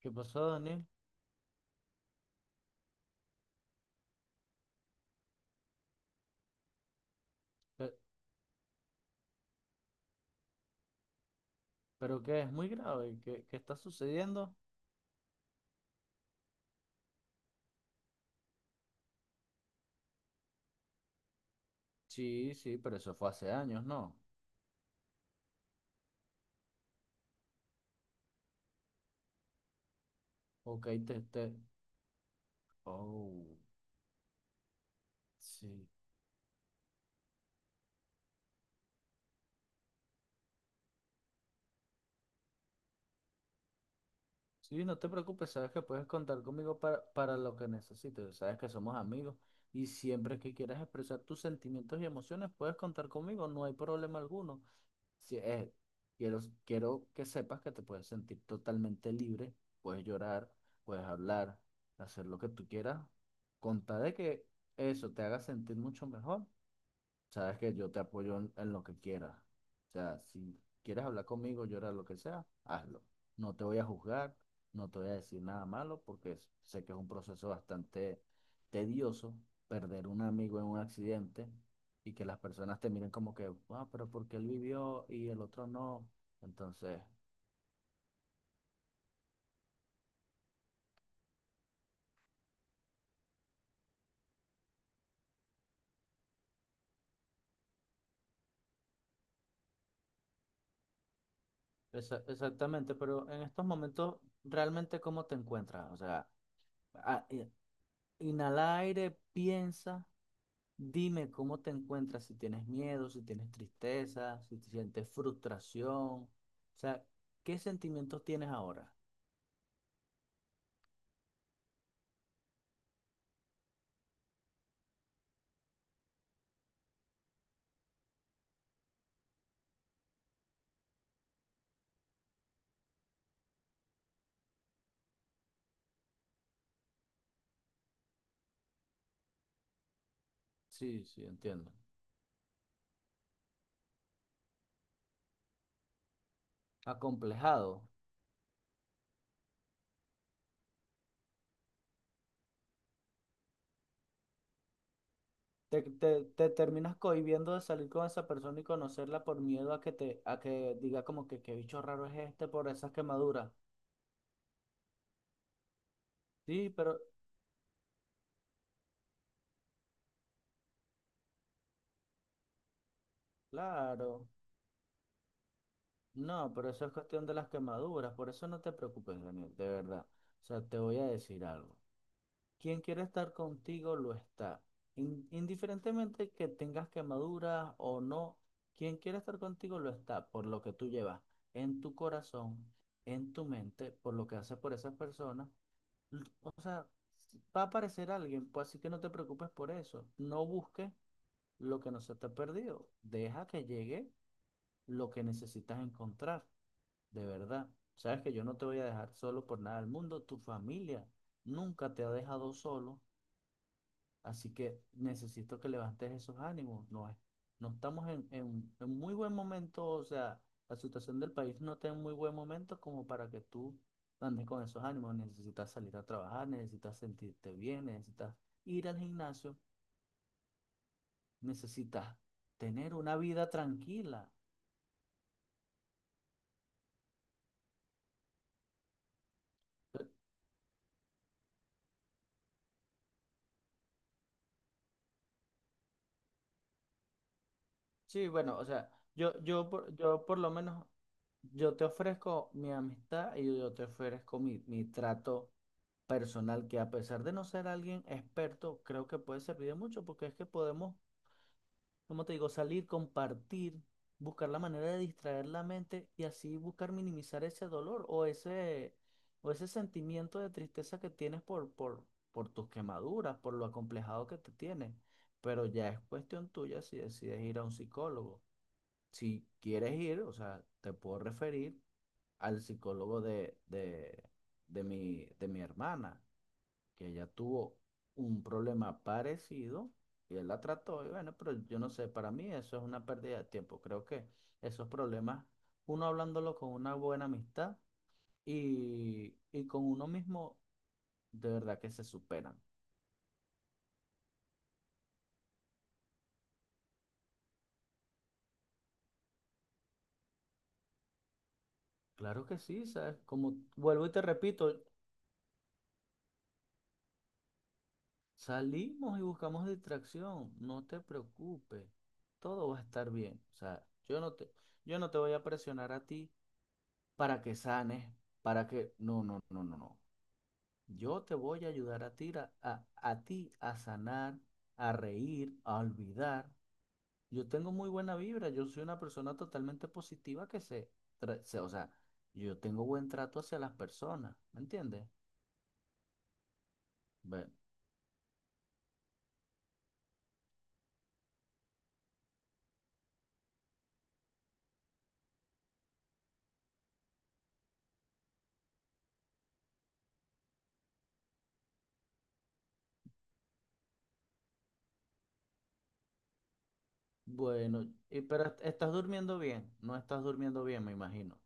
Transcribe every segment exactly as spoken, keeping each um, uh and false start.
¿Qué pasó, Daniel? ¿Pe- ¿Pero qué? ¿Es muy grave? ¿Qué, qué está sucediendo? Sí, sí, pero eso fue hace años, ¿no? Ok, te, te... Oh, sí. Sí, no te preocupes, sabes que puedes contar conmigo para, para lo que necesites, sabes que somos amigos y siempre que quieras expresar tus sentimientos y emociones puedes contar conmigo, no hay problema alguno. Si, eh, quiero, quiero que sepas que te puedes sentir totalmente libre, puedes llorar, puedes hablar, hacer lo que tú quieras, con tal de que eso te haga sentir mucho mejor. Sabes que yo te apoyo en, en lo que quieras. O sea, si quieres hablar conmigo, llorar, lo que sea, hazlo. No te voy a juzgar, no te voy a decir nada malo, porque sé que es un proceso bastante tedioso perder un amigo en un accidente y que las personas te miren como que, ah, pero porque él vivió y el otro no. Entonces, Esa- exactamente, pero en estos momentos, ¿realmente cómo te encuentras? O sea, a- eh, inhala aire, piensa, dime cómo te encuentras, si tienes miedo, si tienes tristeza, si te sientes frustración. O sea, ¿qué sentimientos tienes ahora? Sí, sí, entiendo. Acomplejado. Te, te, te terminas cohibiendo de salir con esa persona y conocerla por miedo a que te, a que diga como que qué bicho raro es este por esas quemaduras. Sí, pero claro. No, pero eso es cuestión de las quemaduras, por eso no te preocupes, Daniel, de verdad. O sea, te voy a decir algo. Quien quiere estar contigo lo está. In- indiferentemente que tengas quemaduras o no, quien quiere estar contigo lo está por lo que tú llevas en tu corazón, en tu mente, por lo que haces por esas personas. L- O sea, va a aparecer alguien, pues así que no te preocupes por eso. No busques lo que no se te ha perdido. Deja que llegue lo que necesitas encontrar. De verdad, sabes que yo no te voy a dejar solo por nada del mundo. Tu familia nunca te ha dejado solo, así que necesito que levantes esos ánimos. No es, no estamos en, en, en muy buen momento, o sea, la situación del país no está en muy buen momento como para que tú andes con esos ánimos. Necesitas salir a trabajar, necesitas sentirte bien, necesitas ir al gimnasio, necesitas tener una vida tranquila. Sí, bueno, o sea, yo, yo, por- yo por lo menos, yo te ofrezco mi amistad y yo te ofrezco mi, mi trato personal, que a pesar de no ser alguien experto, creo que puede servir de mucho, porque es que podemos, como te digo, salir, compartir, buscar la manera de distraer la mente y así buscar minimizar ese dolor o ese, o ese sentimiento de tristeza que tienes por, por, por tus quemaduras, por lo acomplejado que te tienes. Pero ya es cuestión tuya si decides ir a un psicólogo si quieres ir, o sea, te puedo referir al psicólogo de, de, de mi, de mi hermana, que ella tuvo un problema parecido y él la trató. Y bueno, pero yo no sé, para mí eso es una pérdida de tiempo. Creo que esos problemas, uno hablándolo con una buena amistad y, y con uno mismo, de verdad que se superan. Claro que sí, ¿sabes? Como vuelvo y te repito, salimos y buscamos distracción, no te preocupes, todo va a estar bien. O sea, yo no te, yo no te voy a presionar a ti para que sanes, para que... No, no, no, no, no. Yo te voy a ayudar a ti a, a, a ti a sanar, a reír, a olvidar. Yo tengo muy buena vibra, yo soy una persona totalmente positiva que se, tra- se- o sea, yo tengo buen trato hacia las personas, ¿me entiendes? Bueno, bueno, y, pero est- estás durmiendo bien, no estás durmiendo bien, me imagino.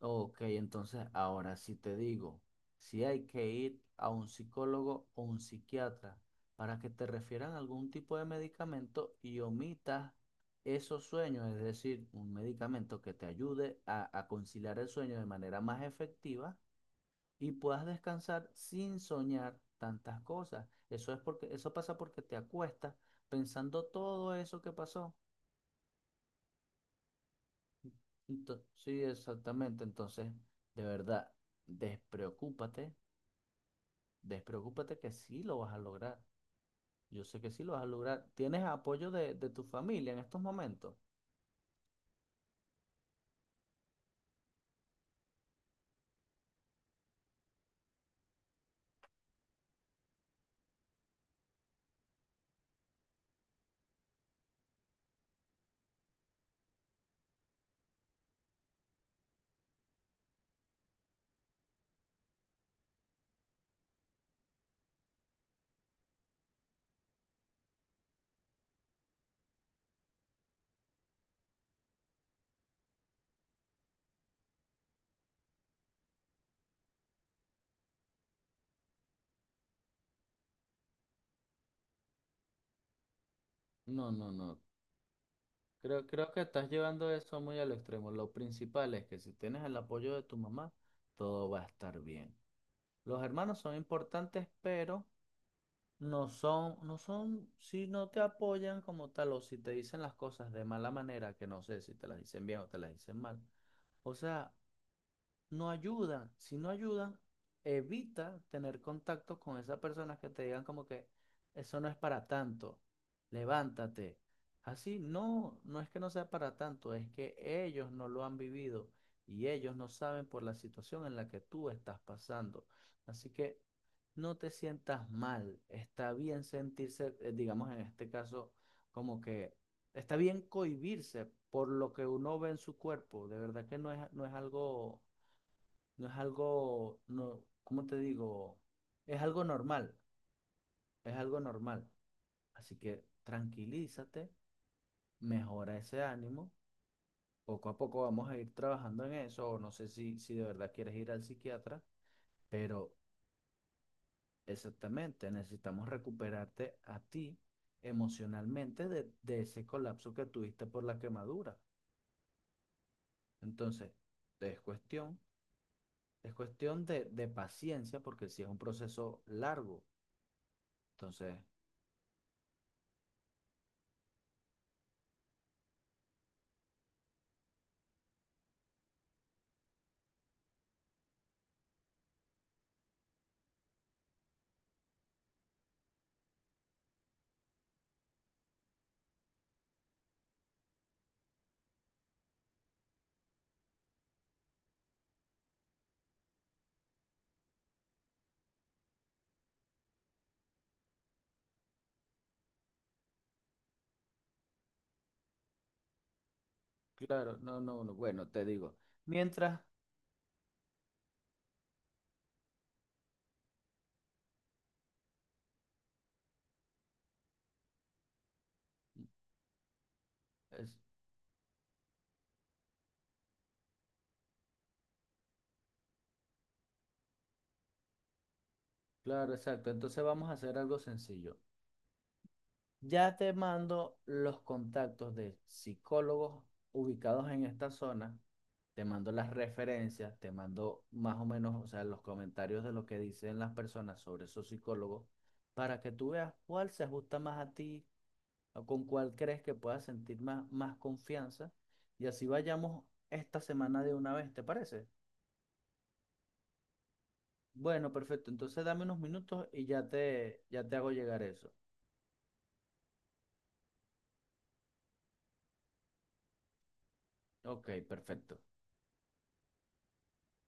Ok, entonces ahora sí te digo, si hay que ir a un psicólogo o un psiquiatra para que te refieran algún tipo de medicamento y omitas esos sueños, es decir, un medicamento que te ayude a, a conciliar el sueño de manera más efectiva y puedas descansar sin soñar tantas cosas. Eso es porque, eso pasa porque te acuestas pensando todo eso que pasó. Ento- sí, exactamente. Entonces, de verdad, despreocúpate. Despreocúpate que sí lo vas a lograr. Yo sé que sí lo vas a lograr. ¿Tienes apoyo de, de tu familia en estos momentos? No, no, no. Creo, creo que estás llevando eso muy al extremo. Lo principal es que si tienes el apoyo de tu mamá, todo va a estar bien. Los hermanos son importantes, pero no son, no son, si no te apoyan como tal o si te dicen las cosas de mala manera, que no sé si te las dicen bien o te las dicen mal. O sea, no ayuda. Si no ayuda, evita tener contacto con esas personas que te digan como que eso no es para tanto, levántate. Así, no, no es que no sea para tanto, es que ellos no lo han vivido y ellos no saben por la situación en la que tú estás pasando. Así que no te sientas mal, está bien sentirse, eh, digamos en este caso, como que está bien cohibirse por lo que uno ve en su cuerpo, de verdad que no es, no es algo no es algo, no, ¿cómo te digo? Es algo normal, es algo normal. Así que tranquilízate, mejora ese ánimo. Poco a poco vamos a ir trabajando en eso, o no sé si, si de verdad quieres ir al psiquiatra, pero exactamente, necesitamos recuperarte a ti emocionalmente de, de ese colapso que tuviste por la quemadura. Entonces, es cuestión, es cuestión de, de paciencia, porque si es un proceso largo, entonces... Claro, no, no, no, bueno, te digo, mientras, es- claro, exacto, entonces vamos a hacer algo sencillo. Ya te mando los contactos de psicólogos ubicados en esta zona, te mando las referencias, te mando más o menos, o sea, los comentarios de lo que dicen las personas sobre esos psicólogos, para que tú veas cuál se ajusta más a ti o con cuál crees que puedas sentir más, más confianza y así vayamos esta semana de una vez, ¿te parece? Bueno, perfecto. Entonces dame unos minutos y ya te, ya te hago llegar eso. Ok, perfecto.